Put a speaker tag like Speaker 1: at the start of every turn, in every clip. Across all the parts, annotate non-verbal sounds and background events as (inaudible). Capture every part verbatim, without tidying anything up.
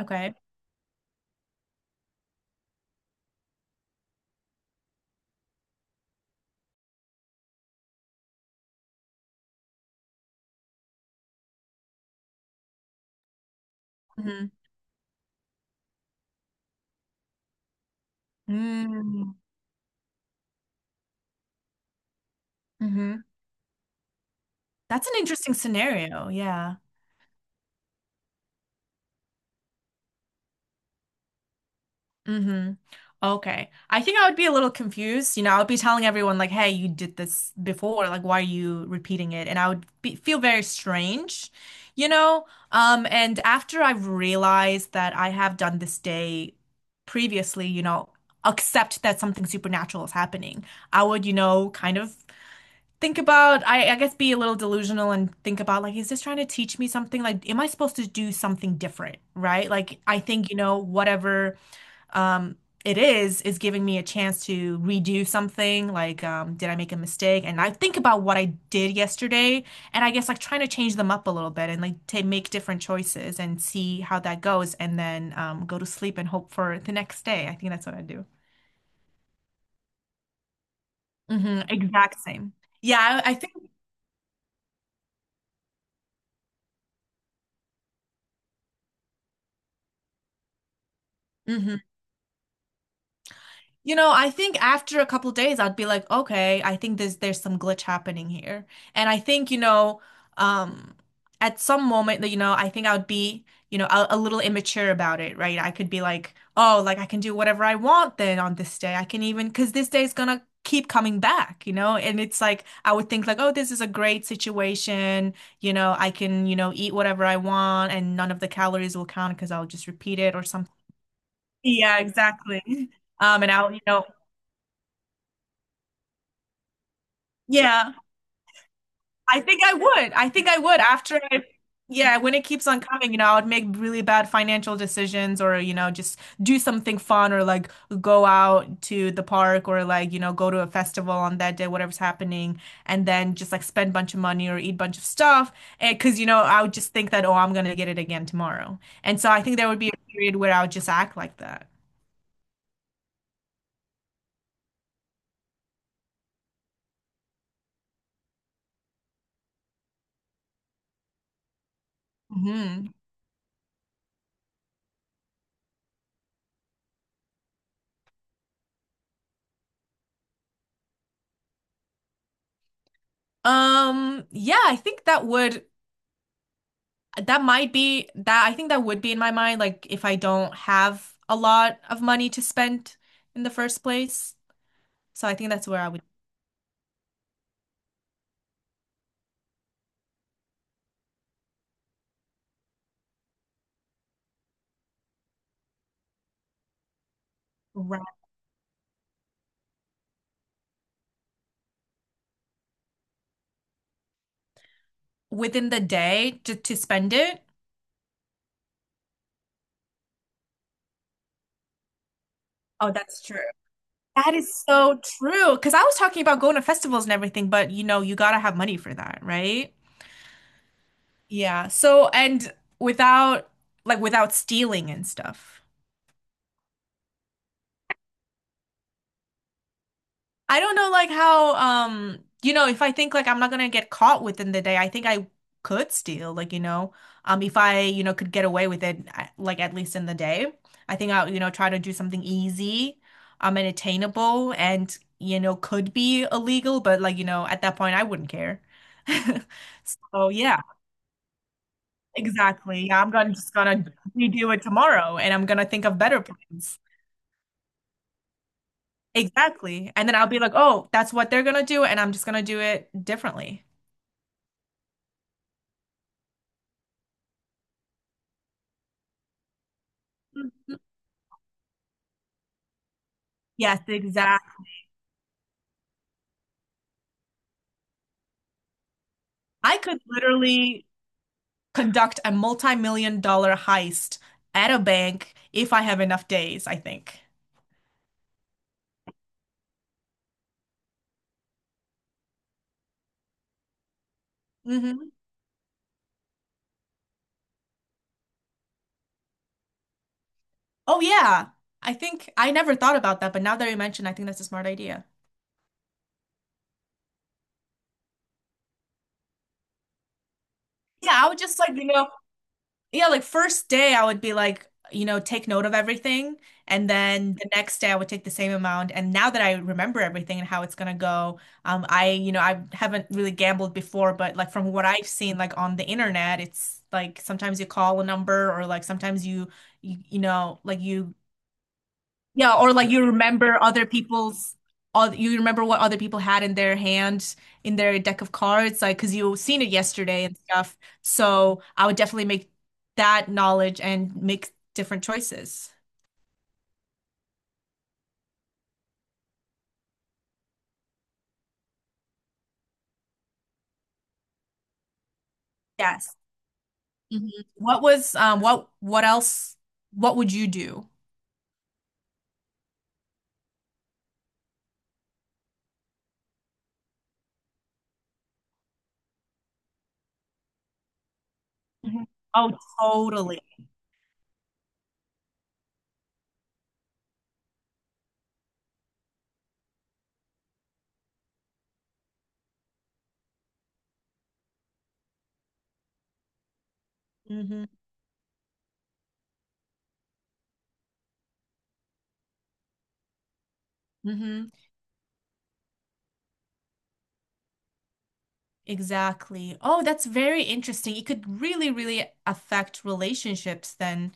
Speaker 1: Okay. hmm Mm. hmm That's an interesting scenario. Yeah. hmm Okay. I think I would be a little confused. You know, I would be telling everyone like, "Hey, you did this before. Like, why are you repeating it?" And I would be, feel very strange, you know? Um, and after I've realized that I have done this day previously, you know, accept that something supernatural is happening, I would, you know, kind of think about I, I guess be a little delusional and think about like, is this trying to teach me something? Like, am I supposed to do something different, right? Like, I think, you know, whatever um it is is giving me a chance to redo something. Like, um did I make a mistake? And I think about what I did yesterday, and I guess like trying to change them up a little bit and like to make different choices and see how that goes. And then um go to sleep and hope for the next day. I think that's what I do. Hmm exact same, yeah, I, I think. Mhm. You know, I think after a couple days, I'd be like, okay, I think there's there's some glitch happening here. And I think, you know, um, at some moment that, you know, I think I would be, you know, a, a little immature about it, right? I could be like, oh, like I can do whatever I want then on this day. I can even, because this day is gonna keep coming back, you know? And it's like, I would think like, oh, this is a great situation. You know, I can, you know, eat whatever I want and none of the calories will count because I'll just repeat it or something. Yeah, exactly. (laughs) Um, and I'll, you know, Yeah, I think I would. I think I would after I, yeah, when it keeps on coming, you know, I would make really bad financial decisions or, you know, just do something fun or like go out to the park or like, you know, go to a festival on that day, whatever's happening, and then just like spend a bunch of money or eat a bunch of stuff. And because, you know, I would just think that, oh, I'm gonna get it again tomorrow. And so I think there would be a period where I would just act like that. hmm Um, yeah, I think that would. That might be that I think that would be in my mind, like if I don't have a lot of money to spend in the first place. So I think that's where I would ra- within the day to, to spend it. Oh, that's true. That is so true. Because I was talking about going to festivals and everything, but you know, you gotta have money for that, right? Yeah. So, and without like without stealing and stuff. I don't know like how um you know if I think like I'm not gonna get caught within the day. I think I could steal like, you know, um if I, you know, could get away with it, I- like at least in the day, I think I'll, you know, try to do something easy um and attainable and, you know, could be illegal, but like, you know, at that point I wouldn't care. (laughs) So yeah, exactly, yeah, I'm gonna just gonna redo it tomorrow and I'm gonna think of better plans. Exactly. And then I'll be like, oh, that's what they're gonna do, and I'm just gonna do it differently. Mhm. Yes, exactly. I could literally conduct a multi-million dollar heist at a bank if I have enough days, I think. hmm Oh yeah. I think I never thought about that, but now that you mention, I think that's a smart idea. Yeah, I would just like, you know, yeah, like first day I would be like, you know, take note of everything. And then the next day I would take the same amount. And now that I remember everything and how it's gonna go, um, I, you know, I haven't really gambled before, but like from what I've seen, like on the internet, it's like sometimes you call a number or like sometimes you, you, you know, like you, yeah, or like you remember other people's, oth- you remember what other people had in their hand, in their deck of cards, like because you seen it yesterday and stuff. So I would definitely make that knowledge and make different choices. Yes. Mhm. What was um what what else? What would you do? Mhm. Oh, totally. hmm hmm Exactly. Oh, that's very interesting. It could really, really affect relationships then.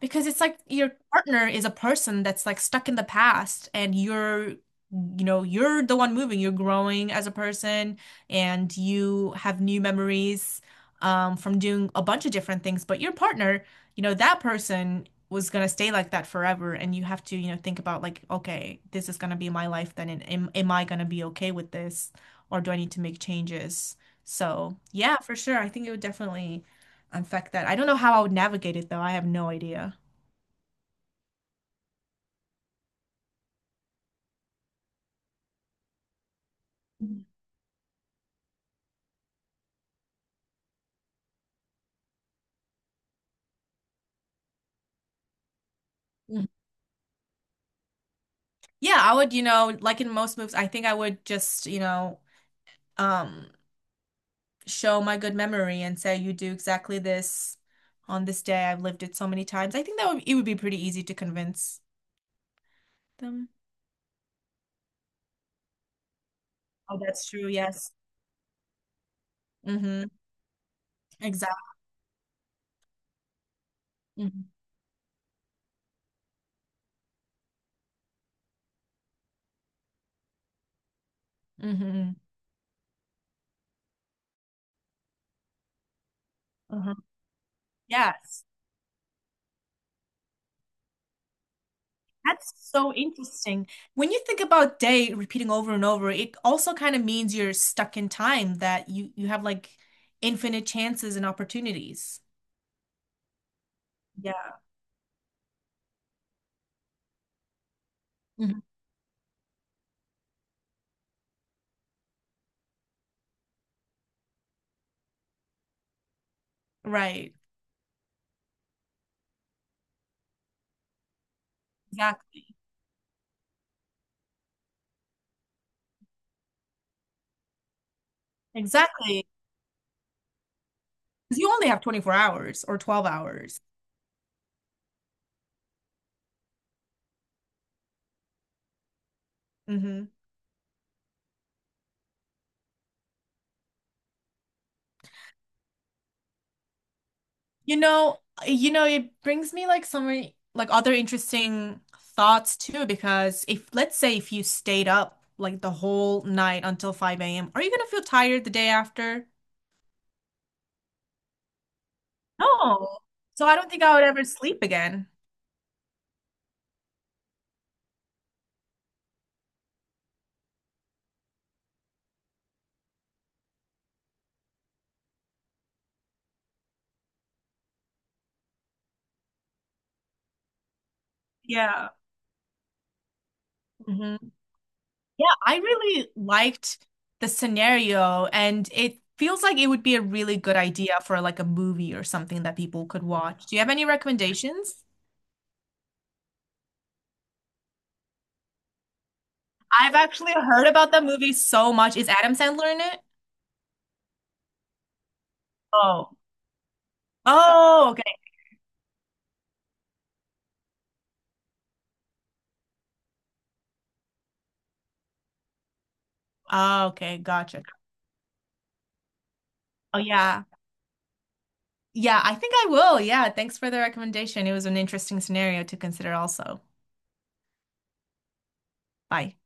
Speaker 1: Because it's like your partner is a person that's like stuck in the past and you're, you know, you're the one moving. You're growing as a person and you have new memories um, from doing a bunch of different things. But your partner, you know, that person was gonna stay like that forever. And you have to, you know, think about like, okay, this is gonna be my life then. And am, am I gonna be okay with this? Or do I need to make changes? So yeah, for sure. I think it would definitely affect that. I don't know how I would navigate it though. I have no idea. Mhm. Yeah, I would, you know, like in most moves, I think I would just, you know, um, show my good memory and say you do exactly this on this day. I've lived it so many times. I think that would, it would be pretty easy to convince them. Oh, that's true. Yes. Mm-hmm. Exactly. Mm-hmm. hmm Yes. That's so interesting. When you think about day repeating over and over, it also kind of means you're stuck in time, that you you have like infinite chances and opportunities. Yeah. Right. Exactly. Exactly. 'Cause you only have twenty-four hours or twelve hours. hmm You know, you know, it brings me like some re- like other interesting thoughts too, because if let's say if you stayed up like the whole night until five a m, are you gonna feel tired the day after? No. So I don't think I would ever sleep again. Yeah. hmm Yeah, I really liked the scenario, and it feels like it would be a really good idea for like a movie or something that people could watch. Do you have any recommendations? I've actually heard about that movie so much. Is Adam Sandler in it? Oh. Oh, okay. Oh, okay, gotcha. Oh, yeah. Yeah, I think I will. Yeah, thanks for the recommendation. It was an interesting scenario to consider also. Bye.